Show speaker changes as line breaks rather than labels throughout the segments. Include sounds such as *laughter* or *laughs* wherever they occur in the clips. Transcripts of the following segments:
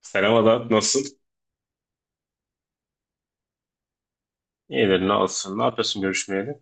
Selam Ada, nasılsın? İyidir, ne olsun? Ne yapıyorsun görüşmeyeli?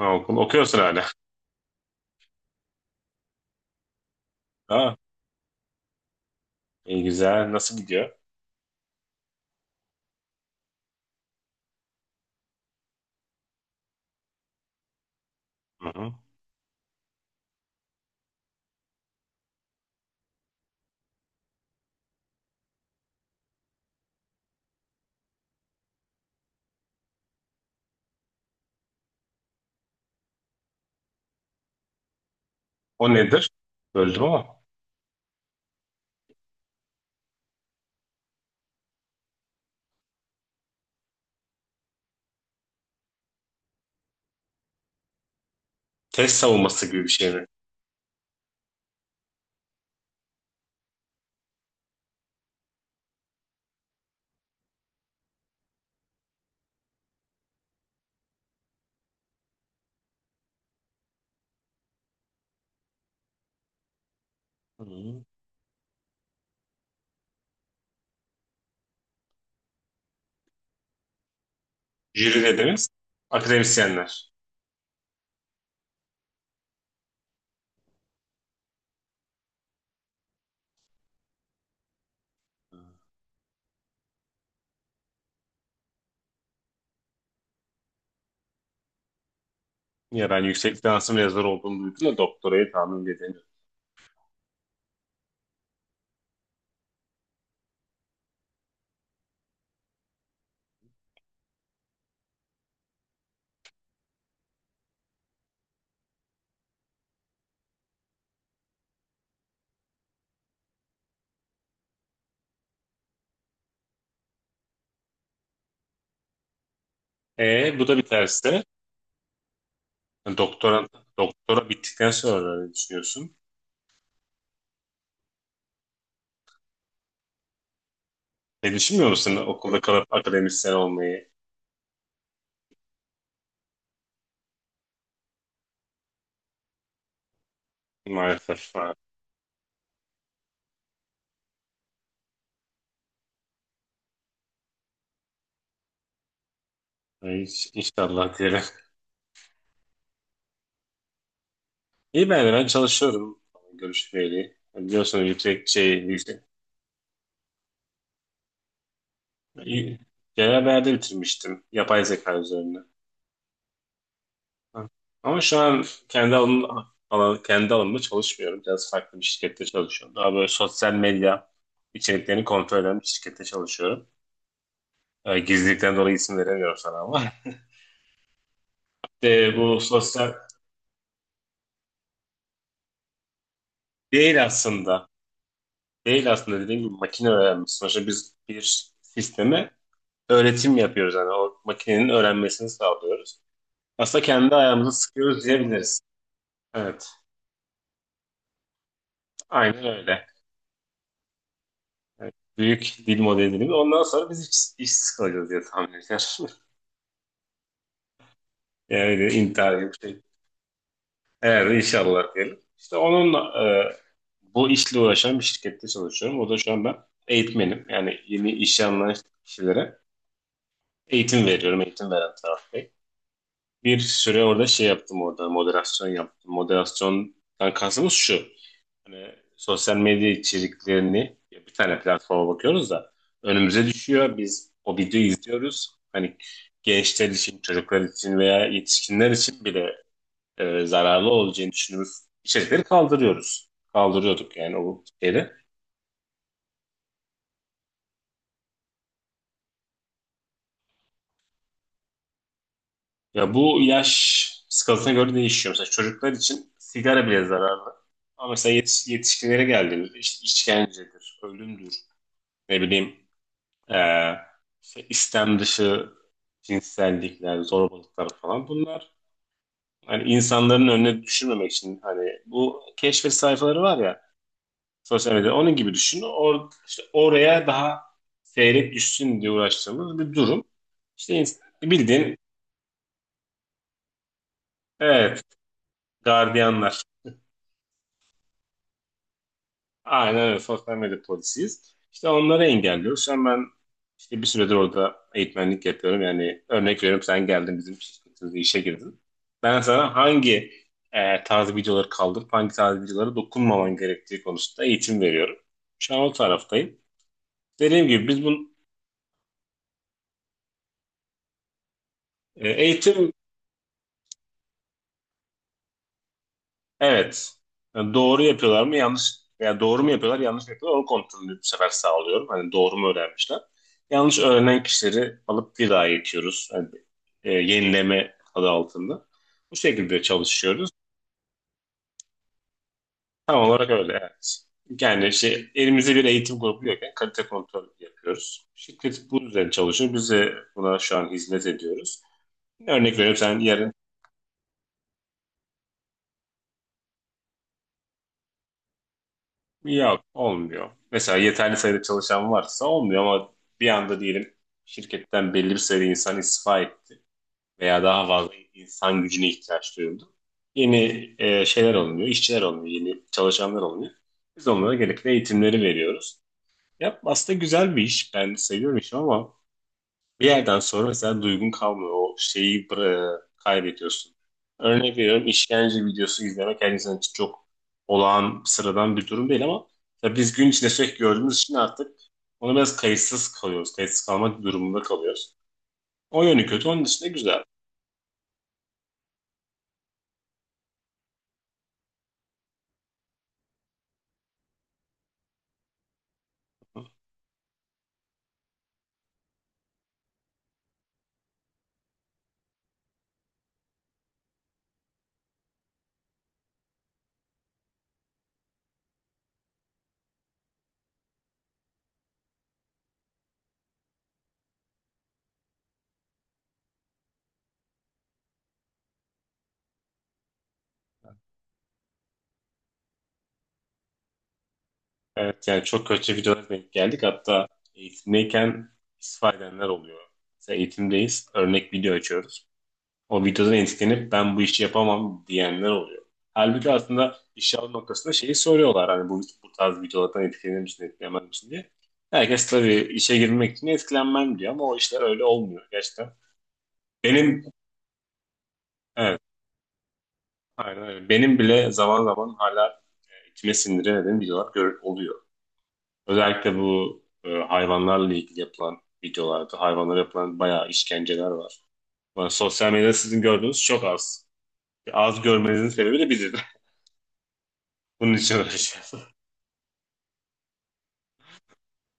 Ha, okul okuyorsun hala. Ha, iyi güzel. Nasıl gidiyor? Hı hı. O nedir? Böldüm ama. Test savunması gibi bir şey mi? Hı. Jüri dediğimiz akademisyenler. Hı. Ya ben yüksek lisansım yazar olduğunu duydum da doktorayı tahmin edemiyorum. Bu da biterse doktora doktora bittikten sonra ne düşünüyorsun? Ne düşünmüyor musun okulda kalıp akademisyen olmayı? Maalesef. Ha. Hiç, inşallah diyelim. İyi, ben de ben çalışıyorum. Görüşmeyeli. Biliyorsunuz, yüksek şey, yüksek. Genel beğende bitirmiştim. Yapay zeka üzerine. Ha. Ama şu an kendi alanım, alan, kendi alanımda çalışmıyorum. Biraz farklı bir şirkette çalışıyorum. Daha böyle sosyal medya içeriklerini kontrol eden bir şirkette çalışıyorum. Gizlilikten dolayı isim veremiyorum sana ama. *laughs* De, bu sosyal değil aslında. Değil aslında, dediğim gibi makine öğrenmesi. Sonuçta biz bir sisteme öğretim yapıyoruz. Yani o makinenin öğrenmesini sağlıyoruz. Aslında kendi ayağımızı sıkıyoruz diyebiliriz. Evet. Aynen öyle. Evet. Büyük dil modelini. Ondan sonra biz işsiz kalacağız diye tahmin ediyorum. *laughs* Yani intihar gibi bir şey. Evet, inşallah diyelim. İşte onunla bu işle uğraşan bir şirkette çalışıyorum. O da şu an ben eğitmenim. Yani yeni işe alınan kişilere eğitim veriyorum. Eğitim veren taraf. Bir süre orada şey yaptım, orada moderasyon yaptım. Moderasyondan kastımız şu. Hani sosyal medya içeriklerini, ya, bir tane platforma bakıyoruz da önümüze düşüyor. Biz o videoyu izliyoruz. Hani gençler için, çocuklar için veya yetişkinler için bile zararlı olacağını düşündüğümüz içerikleri kaldırıyoruz. Kaldırıyorduk yani o şeyde. Ya bu yaş skalasına göre değişiyor. Mesela çocuklar için sigara bile zararlı. Ama mesela yetişkinlere geldiğinde işte işkencedir, ölümdür, ne bileyim, eee, işte istem dışı cinsellikler, zorbalıklar falan, bunlar hani insanların önüne düşürmemek için, hani bu keşfet sayfaları var ya sosyal medyada, onun gibi düşün. İşte oraya daha seyrek düşsün diye uğraştığımız bir durum. İşte, bildiğin, evet, gardiyanlar. Aynen öyle. Sosyal medya polisiyiz. İşte onları engelliyoruz. Şu an ben işte bir süredir orada eğitmenlik yapıyorum. Yani örnek veriyorum, sen geldin, bizim şirketimizde işe girdin. Ben sana hangi tarz videoları kaldırıp hangi tarz videolara dokunmaman gerektiği konusunda eğitim veriyorum. Şu an o taraftayım. Dediğim gibi biz bu eğitim. Evet. Yani doğru yapıyorlar mı yanlış, yani doğru mu yapıyorlar yanlış mı yapıyorlar onu kontrolünü bu sefer sağlıyorum. Hani doğru mu öğrenmişler. Yanlış öğrenen kişileri alıp bir daha eğitiyoruz. Yani, yenileme adı altında. Bu şekilde çalışıyoruz. Tam olarak öyle, evet. Yani şey, elimizde bir eğitim grubu yokken kalite kontrol yapıyoruz. Şirket bu üzerine çalışıyor. Biz de buna şu an hizmet ediyoruz. Örnek veriyorum, sen yarın... Yok, olmuyor. Mesela yeterli sayıda çalışan varsa olmuyor ama bir anda diyelim şirketten belli bir sayıda insan istifa etti veya daha fazla insan gücüne ihtiyaç duyuldu. Yeni şeyler alınıyor, işçiler alınıyor, yeni çalışanlar alınıyor. Biz onlara gerekli eğitimleri veriyoruz. Ya aslında güzel bir iş. Ben seviyorum işimi ama bir yerden sonra mesela duygun kalmıyor. O şeyi kaybediyorsun. Örnek veriyorum, işkence videosu izlemek her insan için çok olağan sıradan bir durum değil ama tabii biz gün içinde sürekli gördüğümüz için artık ona biraz kayıtsız kalıyoruz. Kayıtsız kalmak durumunda kalıyoruz. O yönü kötü. Onun dışında güzel. Evet, yani çok kötü videolara denk geldik. Hatta eğitimdeyken istifa edenler oluyor. Mesela eğitimdeyiz. Örnek video açıyoruz. O videodan etkilenip ben bu işi yapamam diyenler oluyor. Halbuki aslında işe alım noktasında şeyi soruyorlar hani bu tarz videolardan etkilenir misin, etkilenmez misin diye. Herkes tabii işe girmek için etkilenmem diyor ama o işler öyle olmuyor gerçekten. Benim, evet, aynen öyle. Benim bile zaman zaman hala içime sindiremediğim videolar oluyor. Özellikle bu hayvanlarla ilgili yapılan videolarda hayvanlara yapılan bayağı işkenceler var. Yani sosyal medyada sizin gördüğünüz çok az. Az görmenizin sebebi de biziz. *laughs* Bunun için uğraşıyoruz.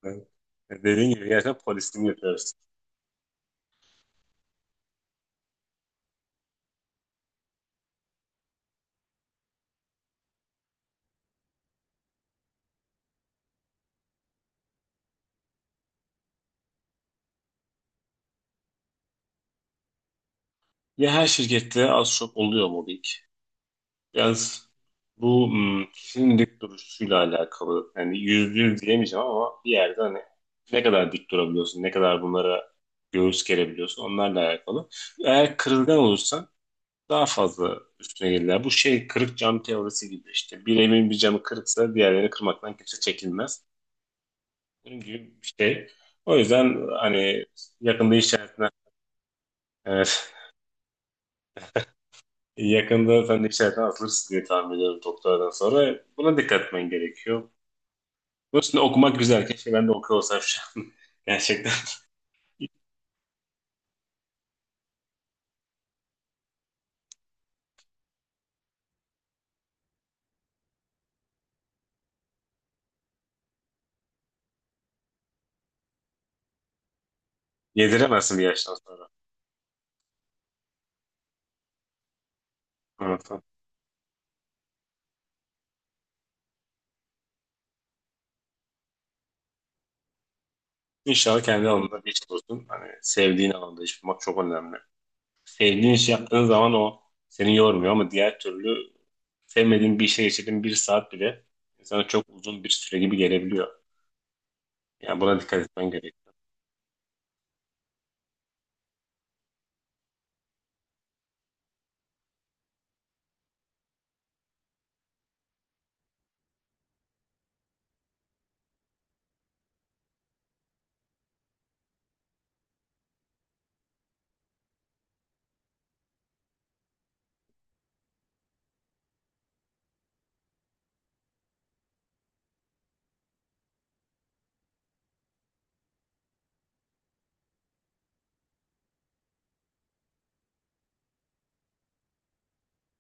Evet. Dediğin gibi gerçekten polisliğini yapıyoruz. Ya her şirkette az çok oluyor mobbing. Biraz bu kişinin dik duruşuyla alakalı. Yani yüzde yüz diyemeyeceğim ama bir yerde hani ne kadar dik durabiliyorsun, ne kadar bunlara göğüs gerebiliyorsun, onlarla alakalı. Eğer kırılgan olursan daha fazla üstüne gelirler. Bu şey kırık cam teorisi gibi işte. Bir evin bir camı kırıksa diğerlerini kırmaktan kimse çekinmez. Bunun gibi bir şey. O yüzden hani yakında iş hayatına... Evet. Yakında sen de işlerden atılırsın diye tahmin ediyorum doktoradan sonra. Buna dikkat etmen gerekiyor. Bunun için de okumak güzel. Keşke ben de okuyor olsam şu an. *laughs* Gerçekten yediremezsin bir yaştan sonra. Evet. Evet. İnşallah kendi alanında bir iş bulursun. Hani sevdiğin alanda iş bulmak çok önemli. Sevdiğin işi yaptığın zaman o seni yormuyor ama diğer türlü sevmediğin bir işe geçirdiğin bir saat bile insana çok uzun bir süre gibi gelebiliyor. Yani buna dikkat etmen gerekiyor.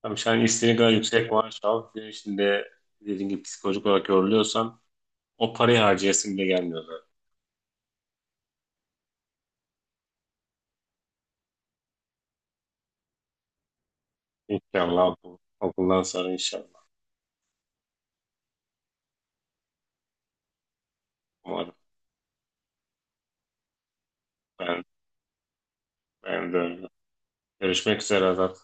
Tabii sen istediğin kadar yüksek maaş al. Gün içinde dediğin gibi psikolojik olarak yoruluyorsan o parayı harcayasım bile gelmiyor zaten. İnşallah bu okuldan sonra inşallah. Umarım. Ben, ben de öyle. Görüşmek üzere Azat.